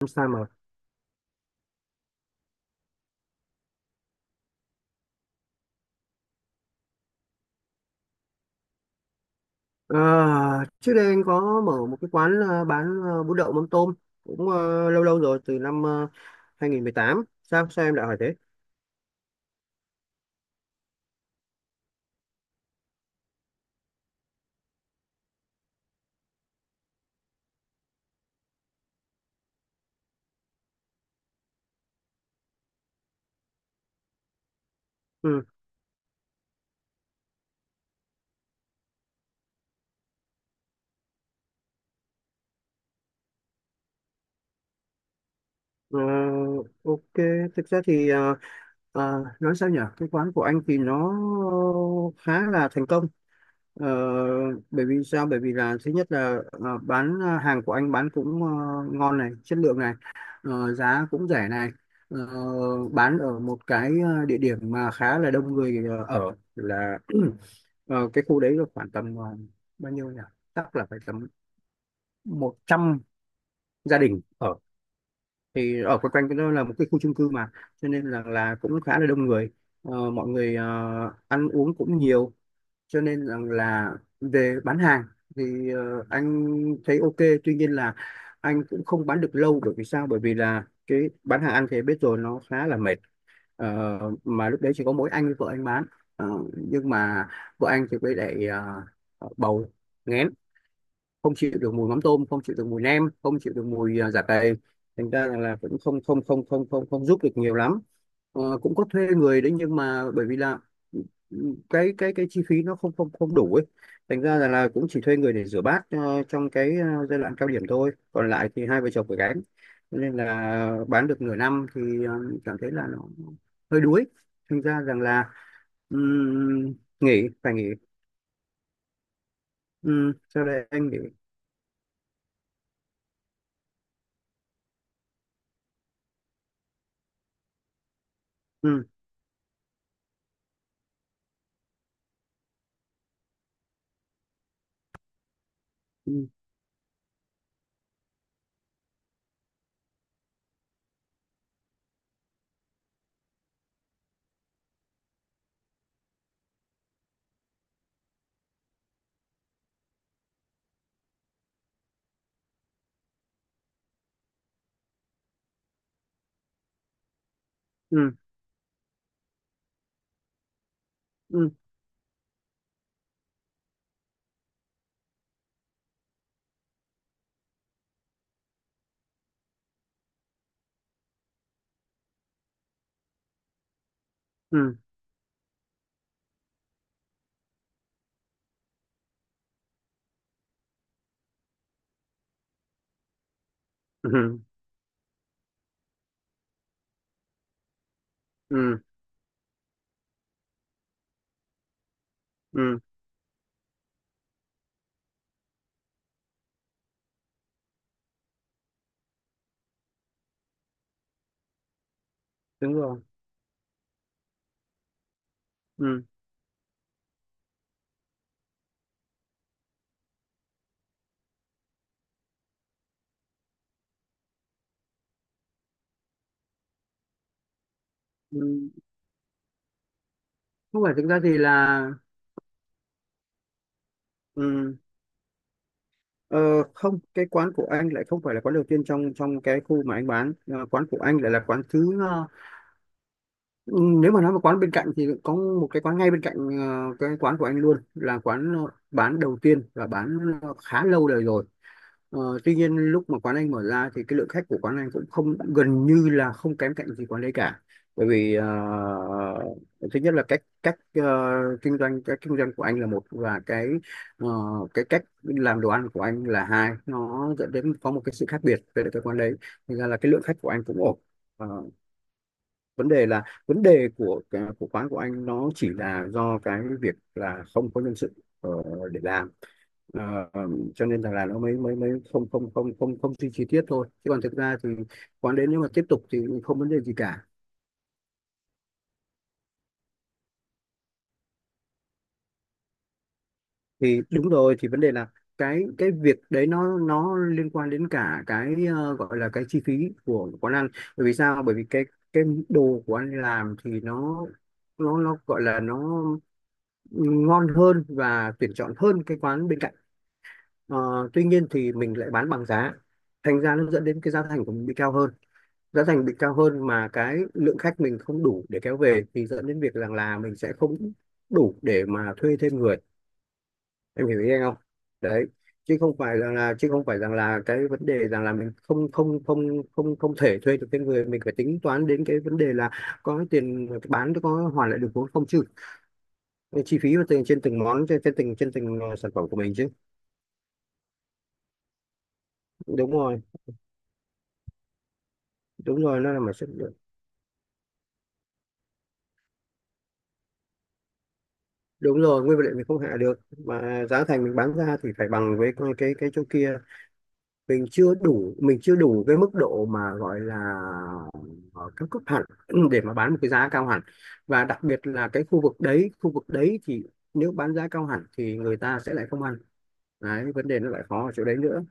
Không sao mà Ờ, Trước đây anh có mở một cái quán bán bún đậu mắm tôm cũng lâu lâu rồi, từ năm 2018. Sao sao em lại hỏi thế? Ừ. ờ, ok, thực ra thì nói sao nhở, cái quán của anh thì nó khá là thành công. Ờ, bởi vì sao? Bởi vì là thứ nhất là bán, hàng của anh bán cũng ngon này, chất lượng này, giá cũng rẻ này, Ờ, bán ở một cái địa điểm mà khá là đông người, ở là cái khu đấy là khoảng tầm bao nhiêu nhỉ? Chắc là phải tầm 100 gia đình ở, thì ở quanh quanh cái đó là một cái khu chung cư mà, cho nên là cũng khá là đông người. Ờ, mọi người ăn uống cũng nhiều, cho nên rằng là về bán hàng thì anh thấy ok. Tuy nhiên là anh cũng không bán được lâu, bởi vì sao? Bởi vì là cái bán hàng anh thì biết rồi, nó khá là mệt. Ờ, mà lúc đấy chỉ có mỗi anh với vợ anh bán. Ờ, nhưng mà vợ anh thì mới lại bầu nghén, không chịu được mùi mắm tôm, không chịu được mùi nem, không chịu được mùi giả cày, thành ra là cũng không không không không không không giúp được nhiều lắm. Ờ, cũng có thuê người đấy, nhưng mà bởi vì là ừ, cái cái chi phí nó không không không đủ ấy, thành ra là cũng chỉ thuê người để rửa bát trong cái giai đoạn cao điểm thôi, còn lại thì hai vợ chồng phải gánh. Cho nên là bán được nửa năm thì cảm thấy là nó hơi đuối, thành ra rằng là ừm, nghỉ, phải nghỉ. Sau đây anh nghỉ. Ừm, ừm, ừm, ừm. Ừ, ừ, ừ, ừ, đúng rồi, ừ, ừ. Không phải, thực ra thì là ừ. ờ, Không, cái quán của anh lại không phải là quán đầu tiên trong trong cái khu mà anh bán. Ờ, quán của anh lại là quán thứ ừ, nếu mà nói một quán bên cạnh thì có một cái quán ngay bên cạnh cái quán của anh luôn, là quán bán đầu tiên và bán khá lâu đời rồi. Ờ, tuy nhiên lúc mà quán anh mở ra thì cái lượng khách của quán anh cũng không, gần như là không kém cạnh gì quán đấy cả, bởi vì thứ nhất là cách cách kinh doanh, cái kinh doanh của anh là một, và cái ờ, cái cách làm đồ ăn của anh là hai, nó dẫn đến có một cái sự khác biệt về cái quán đấy. Thành ra là cái lượng khách của anh cũng ổn. Ờ, vấn đề là vấn đề của quán của anh nó chỉ là do cái việc là không có nhân sự ờ, để làm. Ờ, cho nên là nó mới mới mới không không không không không suy chi tiết thôi, chứ còn thực ra thì quán đến nếu mà tiếp tục thì không vấn đề gì cả. Thì đúng rồi, thì vấn đề là cái việc đấy nó liên quan đến cả cái gọi là cái chi phí của quán ăn. Bởi vì sao? Bởi vì cái cái đồ của anh làm thì nó gọi là nó ngon hơn và tuyển chọn hơn cái quán bên cạnh. Ờ, tuy nhiên thì mình lại bán bằng giá, thành ra nó dẫn đến cái giá thành của mình bị cao hơn. Giá thành bị cao hơn mà cái lượng khách mình không đủ để kéo về thì dẫn đến việc rằng là mình sẽ không đủ để mà thuê thêm người, em hiểu ý anh không? Đấy, chứ không phải rằng là cái vấn đề rằng là mình không không không không không thể thuê được thêm người, mình phải tính toán đến cái vấn đề là có tiền bán, có hoàn lại được vốn không chứ, cái chi phí và từng trên từng món trên trên từng sản phẩm của mình chứ. Đúng rồi, đúng rồi, nó là mặt sức lượng. Đúng rồi, nguyên vật liệu mình không hạ được, mà giá thành mình bán ra thì phải bằng với cái cái chỗ kia. Mình chưa đủ cái mức độ mà gọi là ờ, cao cấp hẳn để mà bán một cái giá cao hẳn. Và đặc biệt là cái khu vực đấy, khu vực đấy thì nếu bán giá cao hẳn thì người ta sẽ lại không ăn. Đấy, vấn đề nó lại khó ở chỗ đấy nữa.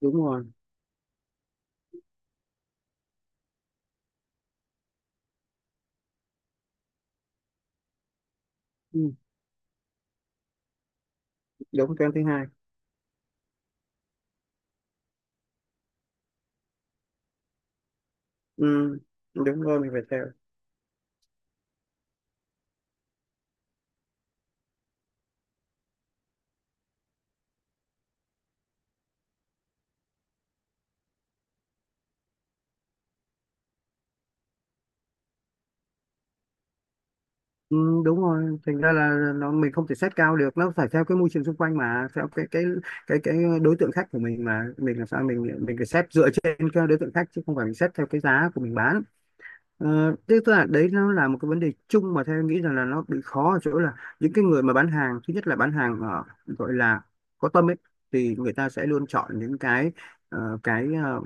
Đúng rồi. Ừ, đúng, cái thứ hai. Ừ, đúng rồi, mình phải theo. Ừ, đúng rồi, thành ra là nó mình không thể xét cao được, nó phải theo cái môi trường xung quanh, mà theo cái đối tượng khách của mình, mà mình làm sao, mình phải xét dựa trên cái đối tượng khách chứ không phải mình xét theo cái giá của mình bán. Ờ, thế tức là đấy, nó là một cái vấn đề chung mà theo em nghĩ rằng là nó bị khó ở chỗ là những cái người mà bán hàng, thứ nhất là bán hàng ở gọi là có tâm ấy, thì người ta sẽ luôn chọn những cái cái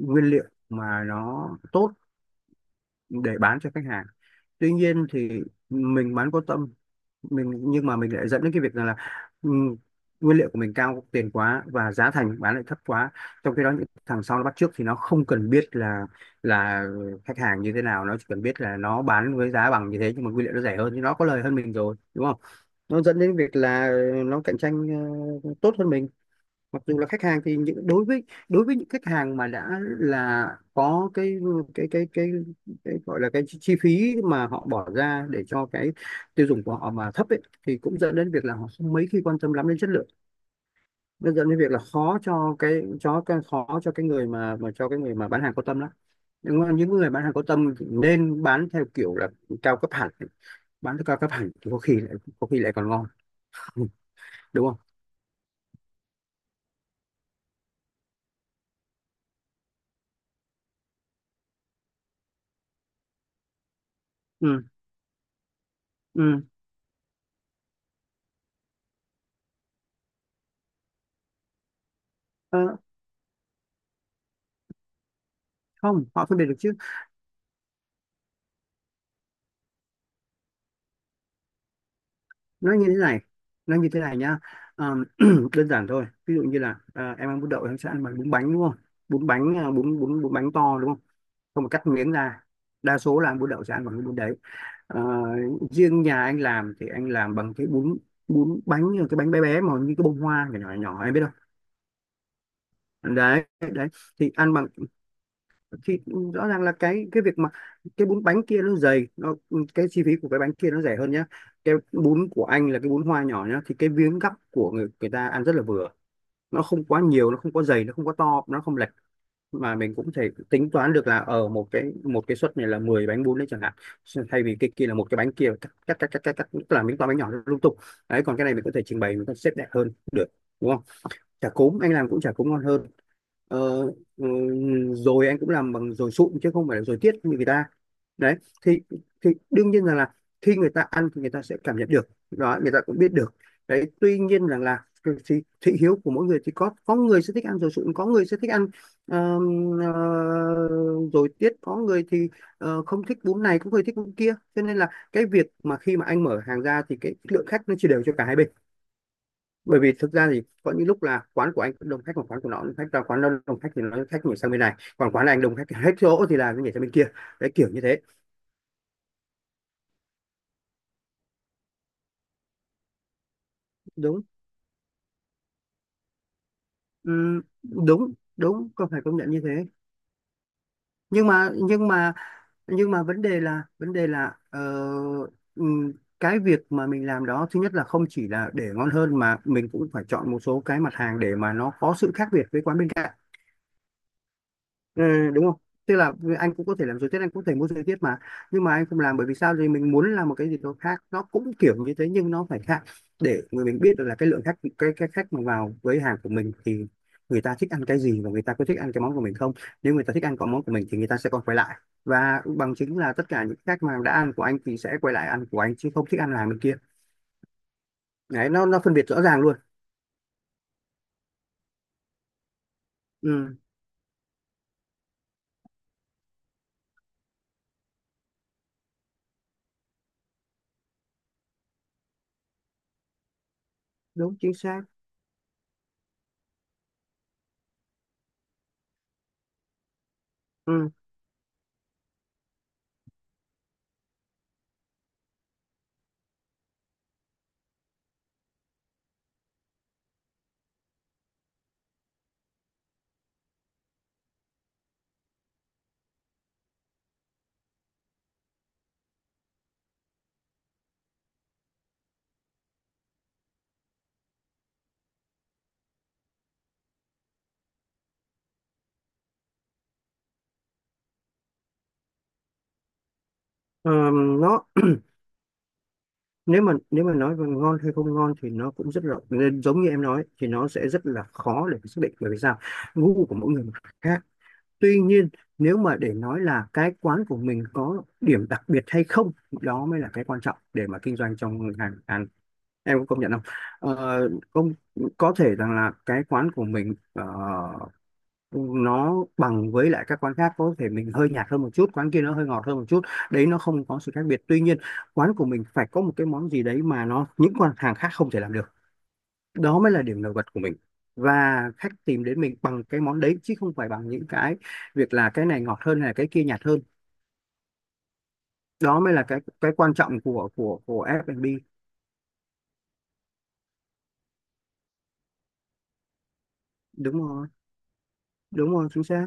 nguyên liệu mà nó tốt để bán cho khách hàng. Tuy nhiên thì mình bán có tâm mình, nhưng mà mình lại dẫn đến cái việc rằng là ừm, nguyên liệu của mình cao tiền quá và giá thành bán lại thấp quá, trong khi đó những thằng sau nó bắt chước thì nó không cần biết là là khách hàng như thế nào, nó chỉ cần biết là nó bán với giá bằng như thế nhưng mà nguyên liệu nó rẻ hơn thì nó có lời hơn mình rồi đúng không. Nó dẫn đến việc là nó cạnh tranh tốt hơn mình, mặc dù là khách hàng thì những đối với, đối với những khách hàng mà đã là có cái cái cái cái, cái gọi là cái chi chi phí mà họ bỏ ra để cho cái tiêu dùng của họ mà thấp ấy, thì cũng dẫn đến việc là họ không mấy khi quan tâm lắm đến chất lượng. Nó dẫn đến việc là khó cho cái, cho cái, khó cho cái người mà cho cái người mà bán hàng có tâm lắm. Nhưng mà những người bán hàng có tâm thì nên bán theo kiểu là cao cấp hẳn. Bán theo cao cấp hẳn thì có khi lại còn ngon. Ừ, đúng không? Ừ, ừ. Ờ, không, họ phân biệt được chứ. nó như thế này nó như thế này nhá. Ờ, đơn giản thôi, ví dụ như là em ăn bún đậu em sẽ ăn bằng bún bánh đúng không? Bún bánh bún bún bún bánh to đúng không, không mà cắt miếng ra, đa số là ăn bún đậu sẽ ăn bằng cái bún đấy. Ờ, riêng nhà anh làm thì anh làm bằng cái bún, bún bánh, như là cái bánh bé bé mà như cái bông hoa nhỏ nhỏ nhỏ, em biết không. Đấy đấy, thì ăn bằng, thì rõ ràng là cái việc mà cái bún bánh kia nó dày, nó, cái chi phí của cái bánh kia nó rẻ hơn nhá. Cái bún của anh là cái bún hoa nhỏ nhá, thì cái miếng gắp của người, người ta ăn rất là vừa, nó không quá nhiều, nó không quá dày, nó không quá to, nó không lệch. Mà mình cũng thể tính toán được là ở một cái suất này là 10 bánh bún đấy chẳng hạn, thay vì cái kia là một cái bánh kia cắt cắt, tức là miếng to bánh nhỏ lung tung. Đấy, còn cái này mình có thể trình bày, mình có thể xếp đẹp hơn được, đúng không? Chả cốm anh làm cũng, chả cốm ngon hơn. ờ, ừ, Rồi anh cũng làm bằng dồi sụn chứ không phải là dồi tiết như người ta. Đấy, thì thì đương nhiên rằng là khi người ta ăn thì người ta sẽ cảm nhận được đó, người ta cũng biết được. Đấy, tuy nhiên rằng là cái thị hiếu của mỗi người thì có người sẽ thích ăn dồi sụn, có người sẽ thích ăn ờ, ờ, dồi tiết, có người thì không thích bún này, có người thích bún kia, cho nên là cái việc mà khi mà anh mở hàng ra thì cái lượng khách nó chia đều cho cả hai bên. Bởi vì thực ra thì có những lúc là quán của anh cũng đông khách, còn quán của nó đông khách, và quán nó đông khách thì nó khách nhảy sang bên này, còn quán này anh đông khách hết chỗ thì là nó nhảy sang bên kia. Đấy, kiểu như thế. Đúng. Đúng, đúng, có phải công nhận như thế. nhưng mà nhưng mà nhưng mà vấn đề là ừm, cái việc mà mình làm đó, thứ nhất là không chỉ là để ngon hơn, mà mình cũng phải chọn một số cái mặt hàng để mà nó có sự khác biệt với quán bên cạnh. Ừ, đúng không? Tức là anh cũng có thể làm dối tiết, anh cũng có thể mua dối tiết mà. Nhưng mà anh không làm bởi vì sao? Thì mình muốn làm một cái gì đó khác, nó cũng kiểu như thế nhưng nó phải khác, để người mình biết được là cái lượng khách, cái khách mà vào với hàng của mình thì người ta thích ăn cái gì, và người ta có thích ăn cái món của mình không. Nếu người ta thích ăn cái món của mình thì người ta sẽ còn quay lại. Và bằng chứng là tất cả những khách mà đã ăn của anh thì sẽ quay lại ăn của anh chứ không thích ăn hàng bên kia. Đấy, nó phân biệt rõ ràng luôn. Ừ, đúng chính xác. Ừ. Ờ, nó nếu mà, nếu mà nói về ngon hay không ngon thì nó cũng rất rộng, nên giống như em nói thì nó sẽ rất là khó để xác định, bởi vì sao, gu của mỗi người khác. Tuy nhiên, nếu mà để nói là cái quán của mình có điểm đặc biệt hay không, đó mới là cái quan trọng để mà kinh doanh trong ngành ăn, em có công nhận không? Công, có thể rằng là cái quán của mình nó bằng với lại các quán khác, có thể mình hơi nhạt hơn một chút, quán kia nó hơi ngọt hơn một chút, đấy, nó không có sự khác biệt. Tuy nhiên, quán của mình phải có một cái món gì đấy mà nó, những quán hàng khác không thể làm được, đó mới là điểm nổi bật của mình. Và khách tìm đến mình bằng cái món đấy, chứ không phải bằng những cái việc là cái này ngọt hơn hay là cái kia nhạt hơn. Đó mới là cái quan trọng của của F&B. Đúng rồi, đúng rồi, chính xác.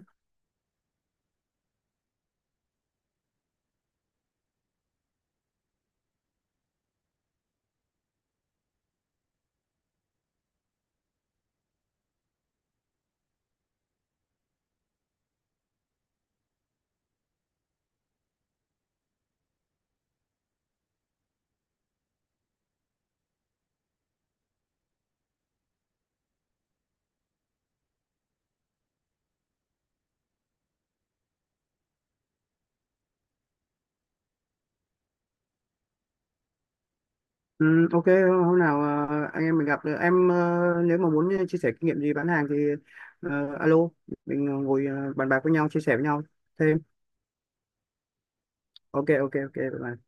Ừ, ok, hôm nào anh em mình gặp được, em nếu mà muốn chia sẻ kinh nghiệm gì bán hàng thì alo, mình ngồi bàn bạc với nhau, chia sẻ với nhau thêm. Ok, ok, ok, bye bye.